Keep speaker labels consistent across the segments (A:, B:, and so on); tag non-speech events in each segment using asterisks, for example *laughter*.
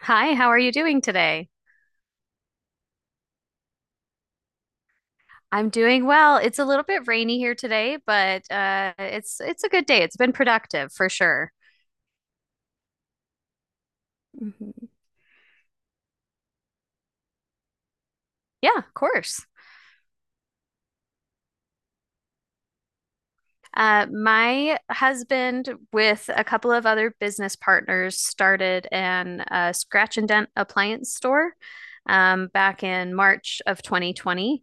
A: Hi, how are you doing today? I'm doing well. It's a little bit rainy here today, but it's a good day. It's been productive for sure. Mhm. Yeah, of course. My husband, with a couple of other business partners, started an scratch and dent appliance store back in March of 2020.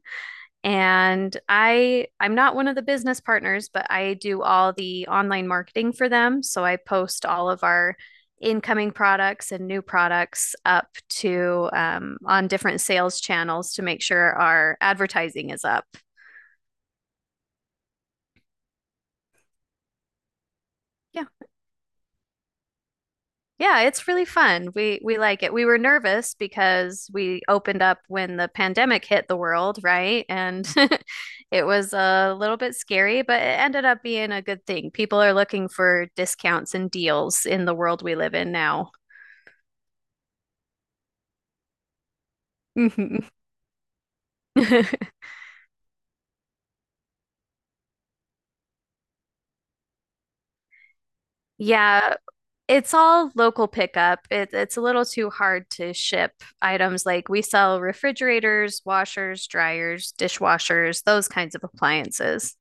A: And I'm not one of the business partners, but I do all the online marketing for them. So I post all of our incoming products and new products up to on different sales channels to make sure our advertising is up. Yeah, it's really fun. We like it. We were nervous because we opened up when the pandemic hit the world, right? And *laughs* it was a little bit scary, but it ended up being a good thing. People are looking for discounts and deals in the world we live in now. Mhm. *laughs* Yeah, it's all local pickup. It's a little too hard to ship items like we sell refrigerators, washers, dryers, dishwashers, those kinds of appliances.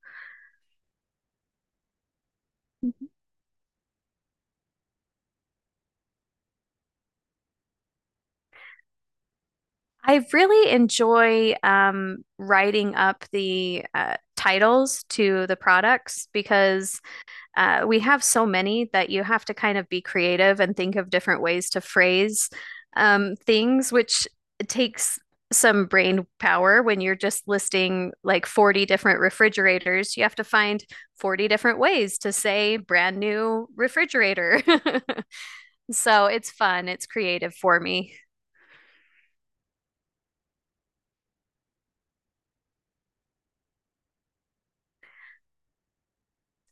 A: I really enjoy writing up the titles to the products because we have so many that you have to kind of be creative and think of different ways to phrase things, which takes some brain power when you're just listing like 40 different refrigerators. You have to find 40 different ways to say brand new refrigerator. *laughs* So it's fun, it's creative for me.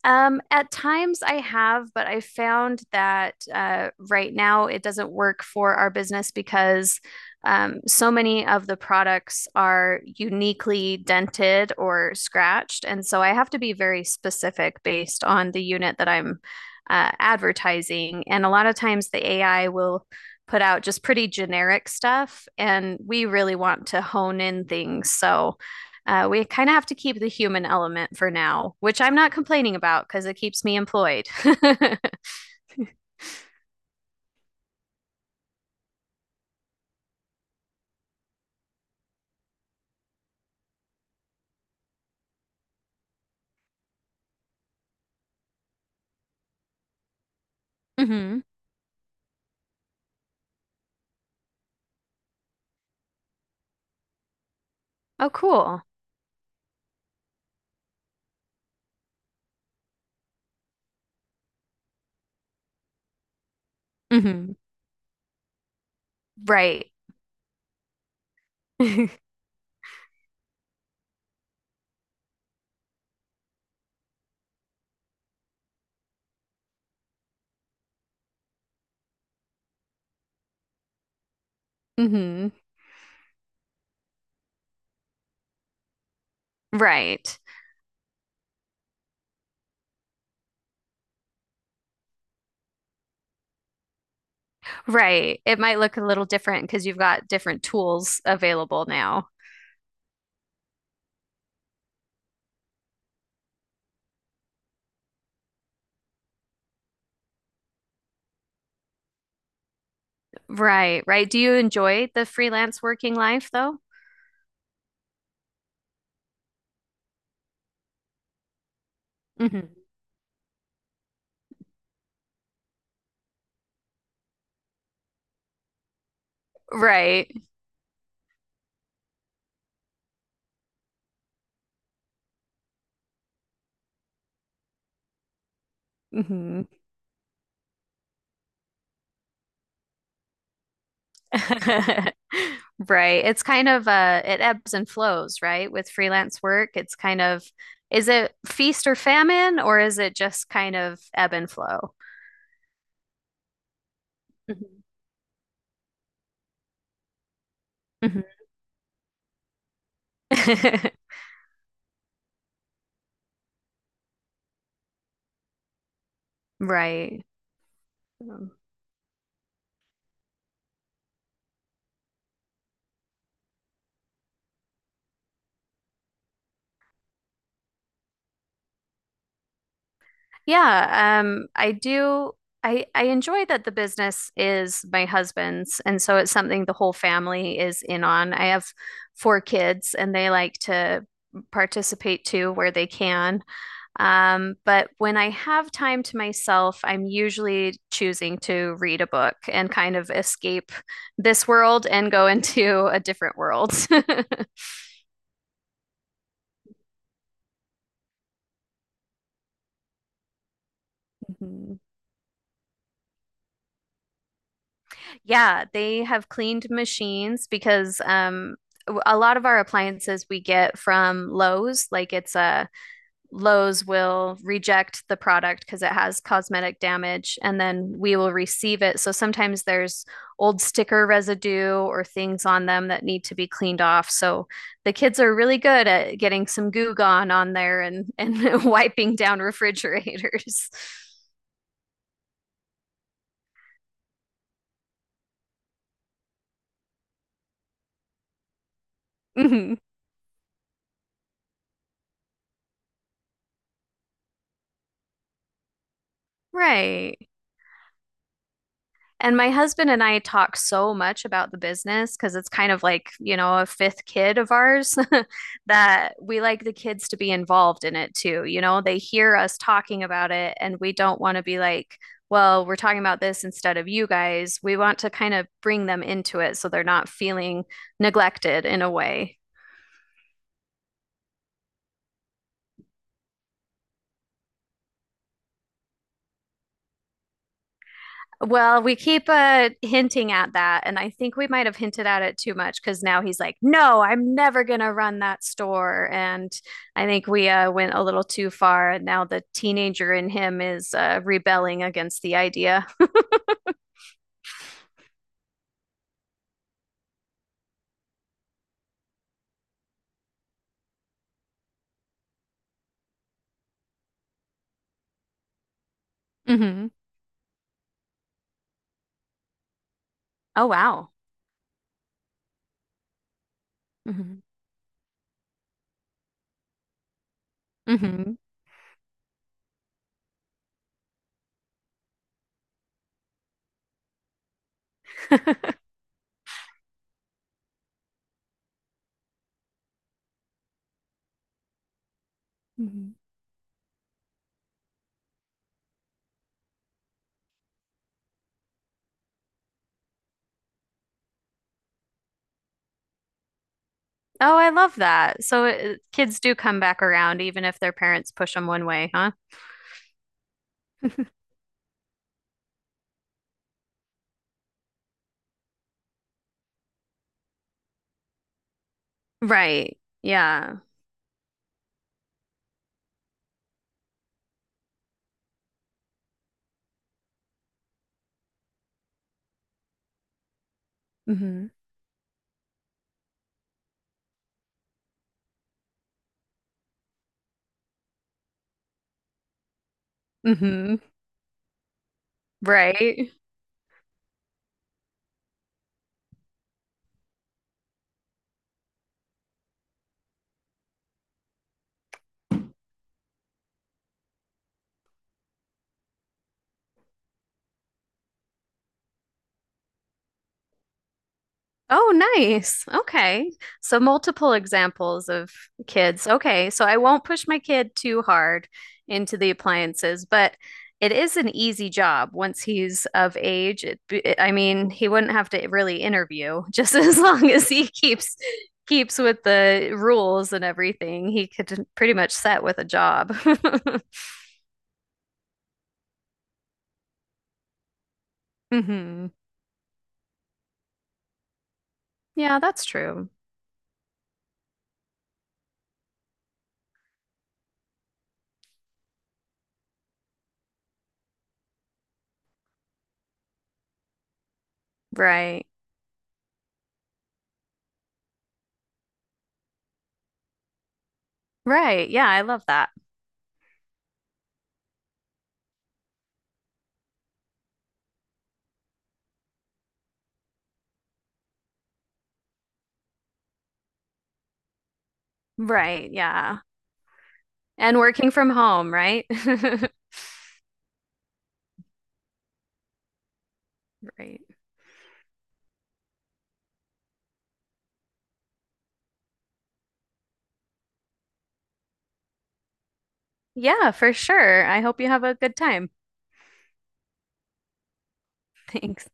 A: At times I have, but I found that right now it doesn't work for our business because so many of the products are uniquely dented or scratched. And so I have to be very specific based on the unit that I'm advertising. And a lot of times the AI will put out just pretty generic stuff, and we really want to hone in things. So we kind of have to keep the human element for now, which I'm not complaining about because it keeps me employed. *laughs* Hmm. Oh, cool. Hmm. Right. *laughs* Hmm. Right. Right. It might look a little different because you've got different tools available now. Right. Right. Do you enjoy the freelance working life though? Mhm. Right. Mhm. *laughs* Right. It's kind of it ebbs and flows, right? With freelance work, it's kind of is it feast or famine or is it just kind of ebb and flow? Mhm. Mhm. *laughs* Right. Um, yeah, I do. I enjoy that the business is my husband's, and so it's something the whole family is in on. I have four kids, and they like to participate too where they can. But when I have time to myself, I'm usually choosing to read a book and kind of escape this world and go *laughs* into a different world. *laughs* Mhm. Yeah, they have cleaned machines because a lot of our appliances we get from Lowe's, like it's a Lowe's will reject the product because it has cosmetic damage, and then we will receive it. So sometimes there's old sticker residue or things on them that need to be cleaned off. So the kids are really good at getting some Goo Gone on there and *laughs* wiping down refrigerators. *laughs* Mhm. Right. And my husband and I talk so much about the business because it's kind of like, you know, a fifth kid of ours *laughs* that we like the kids to be involved in it too. You know, they hear us talking about it and we don't want to be like, well, we're talking about this instead of you guys. We want to kind of bring them into it so they're not feeling neglected in a way. Well, we keep hinting at that, and I think we might have hinted at it too much because now he's like, "No, I'm never gonna run that store." And I think we went a little too far, and now the teenager in him is rebelling against the idea. Mm-hmm. Oh, wow. Mm-hmm. Mm-hmm. *laughs* Mm-hmm. Oh, I love that. So kids do come back around even if their parents push them one way, huh? *laughs* Right. Yeah. Mm-hmm. Hmm. Right. Oh, nice. Okay. So multiple examples of kids. Okay. So I won't push my kid too hard into the appliances, but it is an easy job once he's of age. I mean, he wouldn't have to really interview just *laughs* as long as he keeps with the rules and everything. He could pretty much set with a job. *laughs* Hmm. Yeah, that's true. Right. Right. Yeah, I love that. Right. Yeah. And working from home, right? *laughs* Right. Yeah, for sure. I hope you have a good time. *laughs* Thanks.